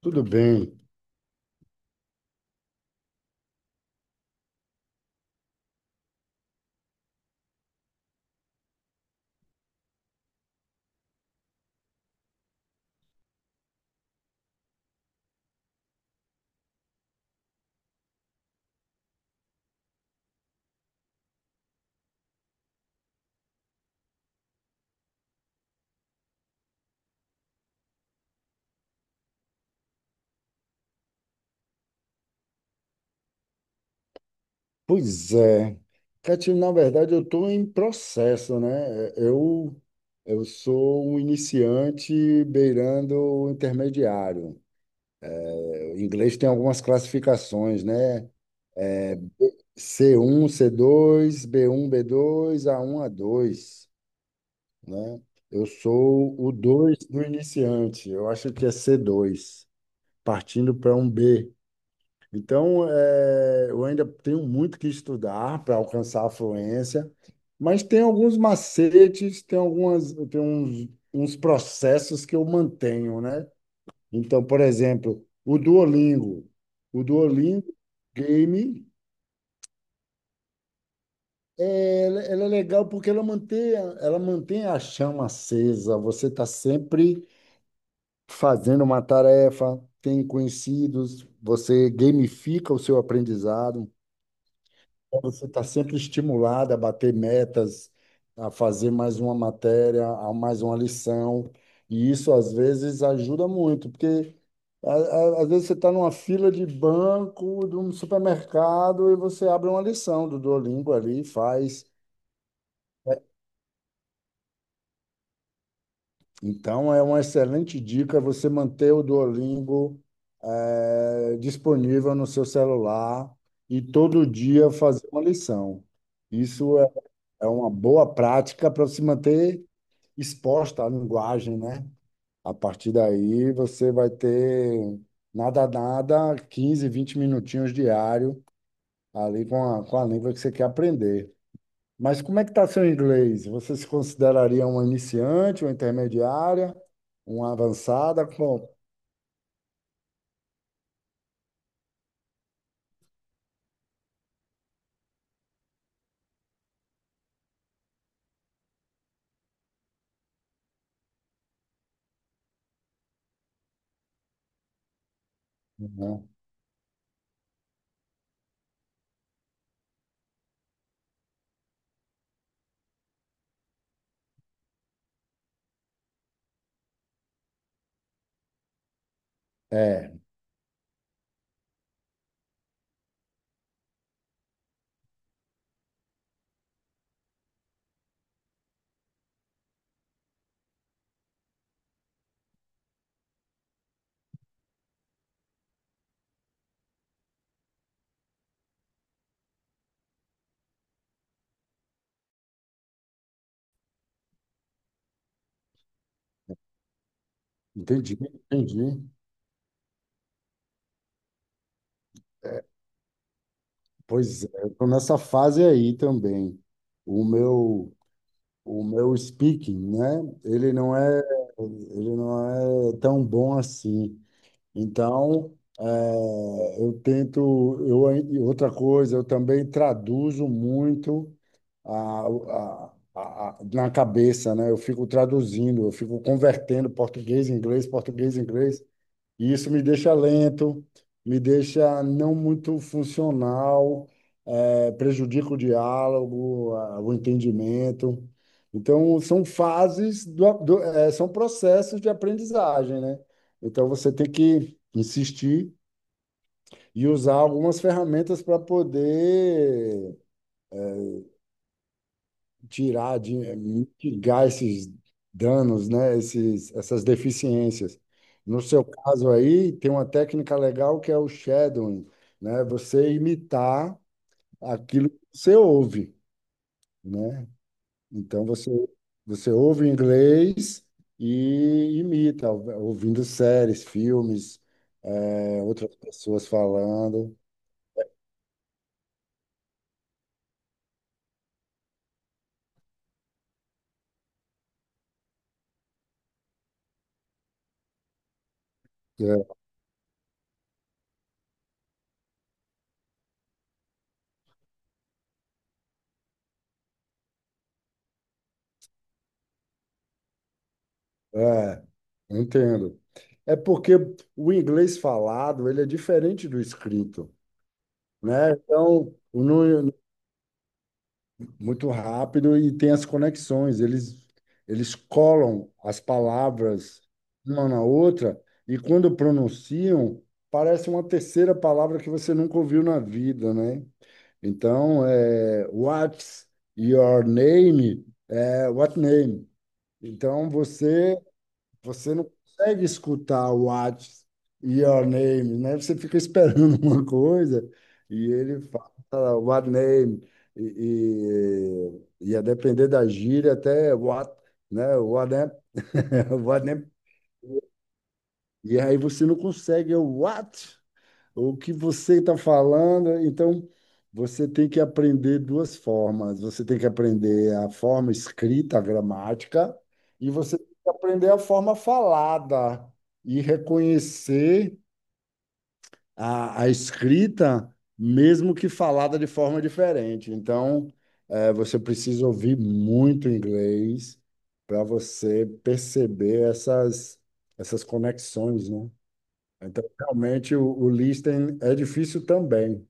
Tudo bem. Pois é. Catine, na verdade, eu estou em processo, né? Eu sou um iniciante beirando o intermediário. O inglês tem algumas classificações, né? C1 C2 B1 B2 A1 A2 né? Eu sou o 2 do iniciante. Eu acho que é C2 partindo para um B. Então, eu ainda tenho muito que estudar para alcançar a fluência, mas tem alguns macetes, tem algumas, tem uns processos que eu mantenho, né? Então, por exemplo, o Duolingo. O Duolingo Game, ela é legal porque ela mantém a chama acesa. Você está sempre fazendo uma tarefa, tem conhecidos, você gamifica o seu aprendizado. Então, você está sempre estimulado a bater metas, a fazer mais uma matéria, a mais uma lição, e isso às vezes ajuda muito, porque às vezes você está numa fila de banco, de um supermercado, e você abre uma lição do Duolingo ali e faz. Então é uma excelente dica você manter o Duolingo disponível no seu celular e todo dia fazer uma lição. Isso é uma boa prática para se manter exposta à linguagem, né? A partir daí você vai ter nada, nada, 15, 20 minutinhos diário ali com a língua que você quer aprender. Mas como é que está seu inglês? Você se consideraria uma iniciante, uma intermediária, uma avançada? Uhum. É, entendi, entendi. Pois é, eu estou nessa fase aí também. O meu O meu speaking, né? Ele não é tão bom assim. Então, eu tento, e outra coisa, eu também traduzo muito na cabeça, né? Eu fico traduzindo, eu fico convertendo português em inglês, e isso me deixa lento, me deixa não muito funcional, é, prejudica o diálogo, o entendimento. Então, são fases, são processos de aprendizagem, né? Então, você tem que insistir e usar algumas ferramentas para poder tirar, de, mitigar esses danos, né? Esses, essas deficiências. No seu caso aí, tem uma técnica legal que é o shadowing, né? Você imitar aquilo que você ouve, né? Então você ouve em inglês e imita, ouvindo séries, filmes, é, outras pessoas falando. É, é, entendo. É porque o inglês falado, ele é diferente do escrito, né? Então, no, muito rápido e tem as conexões. Eles colam as palavras uma na outra e quando pronunciam, parece uma terceira palavra que você nunca ouviu na vida, né? Então, é, what's your name? É, what name? Então, você não consegue escutar o What's Your Name, né? Você fica esperando uma coisa e ele fala What Name e, e a depender da gíria até What, né? What name, What name. E aí você não consegue é o What. O que você está falando, então você tem que aprender duas formas. Você tem que aprender a forma escrita, a gramática, e você tem que aprender a forma falada e reconhecer a escrita, mesmo que falada de forma diferente. Então, você precisa ouvir muito inglês para você perceber essas conexões, né? Então, realmente, o listening é difícil também.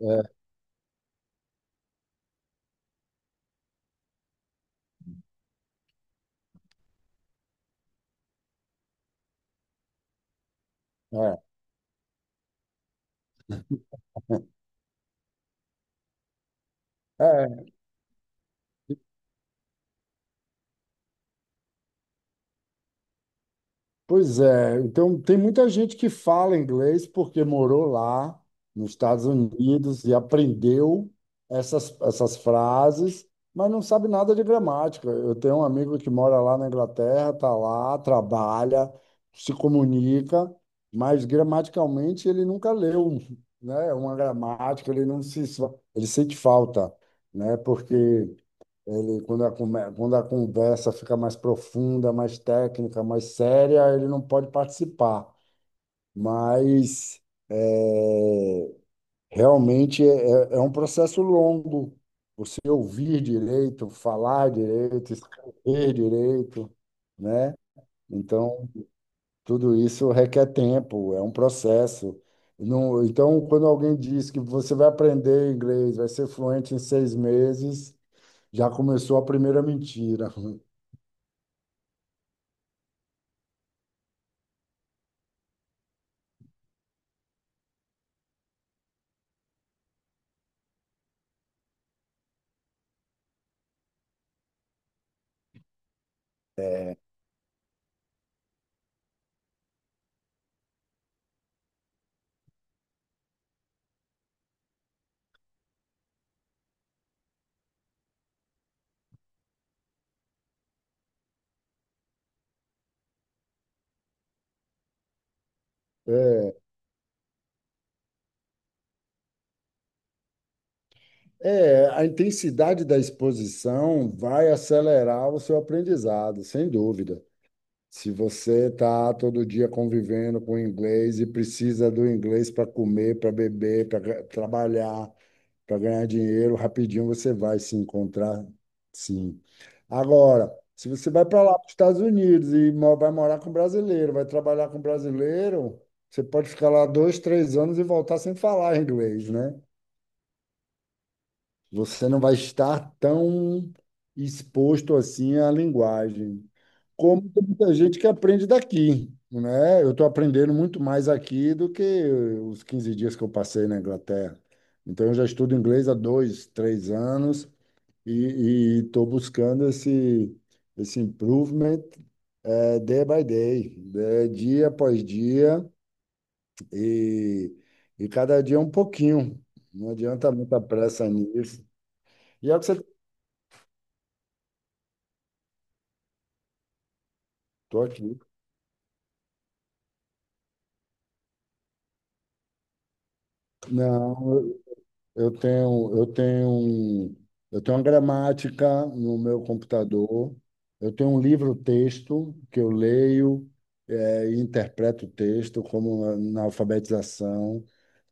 É, é, é. É. Pois é, então tem muita gente que fala inglês porque morou lá nos Estados Unidos e aprendeu essas frases, mas não sabe nada de gramática. Eu tenho um amigo que mora lá na Inglaterra, está lá, trabalha, se comunica, mas gramaticalmente ele nunca leu, né, uma gramática, ele não se, ele sente falta, né, porque e quando a conversa fica mais profunda, mais técnica, mais séria, ele não pode participar. Mas é, realmente é, é um processo longo. Você ouvir direito, falar direito, escrever direito, né? Então, tudo isso requer tempo, é um processo. Então, quando alguém diz que você vai aprender inglês, vai ser fluente em 6 meses, já começou a primeira mentira. É, é, a intensidade da exposição vai acelerar o seu aprendizado, sem dúvida. Se você está todo dia convivendo com inglês e precisa do inglês para comer, para beber, para trabalhar, para ganhar dinheiro, rapidinho você vai se encontrar, sim. Agora, se você vai para lá, para os Estados Unidos, e vai morar com brasileiro, vai trabalhar com brasileiro, você pode ficar lá 2, 3 anos e voltar sem falar inglês, né? Você não vai estar tão exposto assim à linguagem, como tem muita gente que aprende daqui, né? Eu estou aprendendo muito mais aqui do que os 15 dias que eu passei na Inglaterra. Então, eu já estudo inglês há 2, 3 anos e estou buscando esse, improvement, day by day, dia após dia e, e cada dia um pouquinho. Não adianta muita pressa nisso. E é o que você... Estou aqui. Não, eu tenho, eu tenho, um- eu tenho uma gramática no meu computador. Eu tenho um livro-texto que eu leio, e interpreto o texto, como na alfabetização.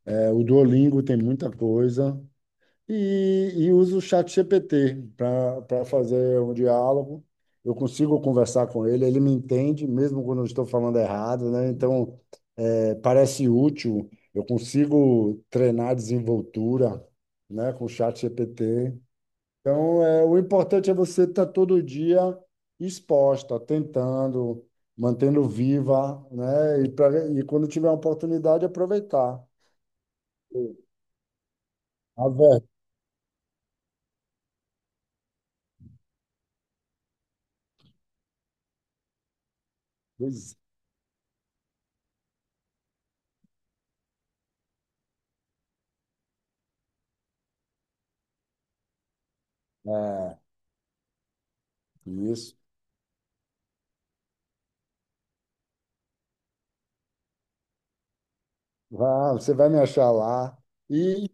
O Duolingo tem muita coisa. E uso o Chat GPT para fazer um diálogo. Eu consigo conversar com ele, ele me entende, mesmo quando eu estou falando errado, né? Então, é, parece útil, eu consigo treinar desenvoltura, né, com o Chat GPT. Então, é, o importante é você estar todo dia exposta, tentando, mantendo viva, né? E quando tiver a oportunidade, aproveitar. A ver- Pois é, isso. Ah, você vai me achar lá. E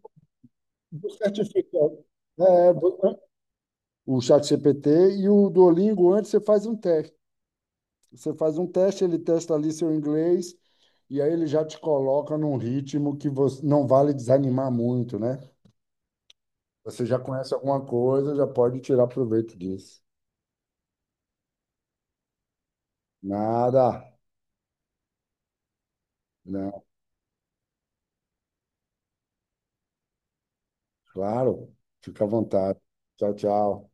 o certificado. É, o Chat GPT e o Duolingo, antes você faz um teste. Você faz um teste, ele testa ali seu inglês, e aí ele já te coloca num ritmo que você não vale desanimar muito, né? Você já conhece alguma coisa, já pode tirar proveito disso. Nada, não, claro. Fica à vontade. Tchau, tchau.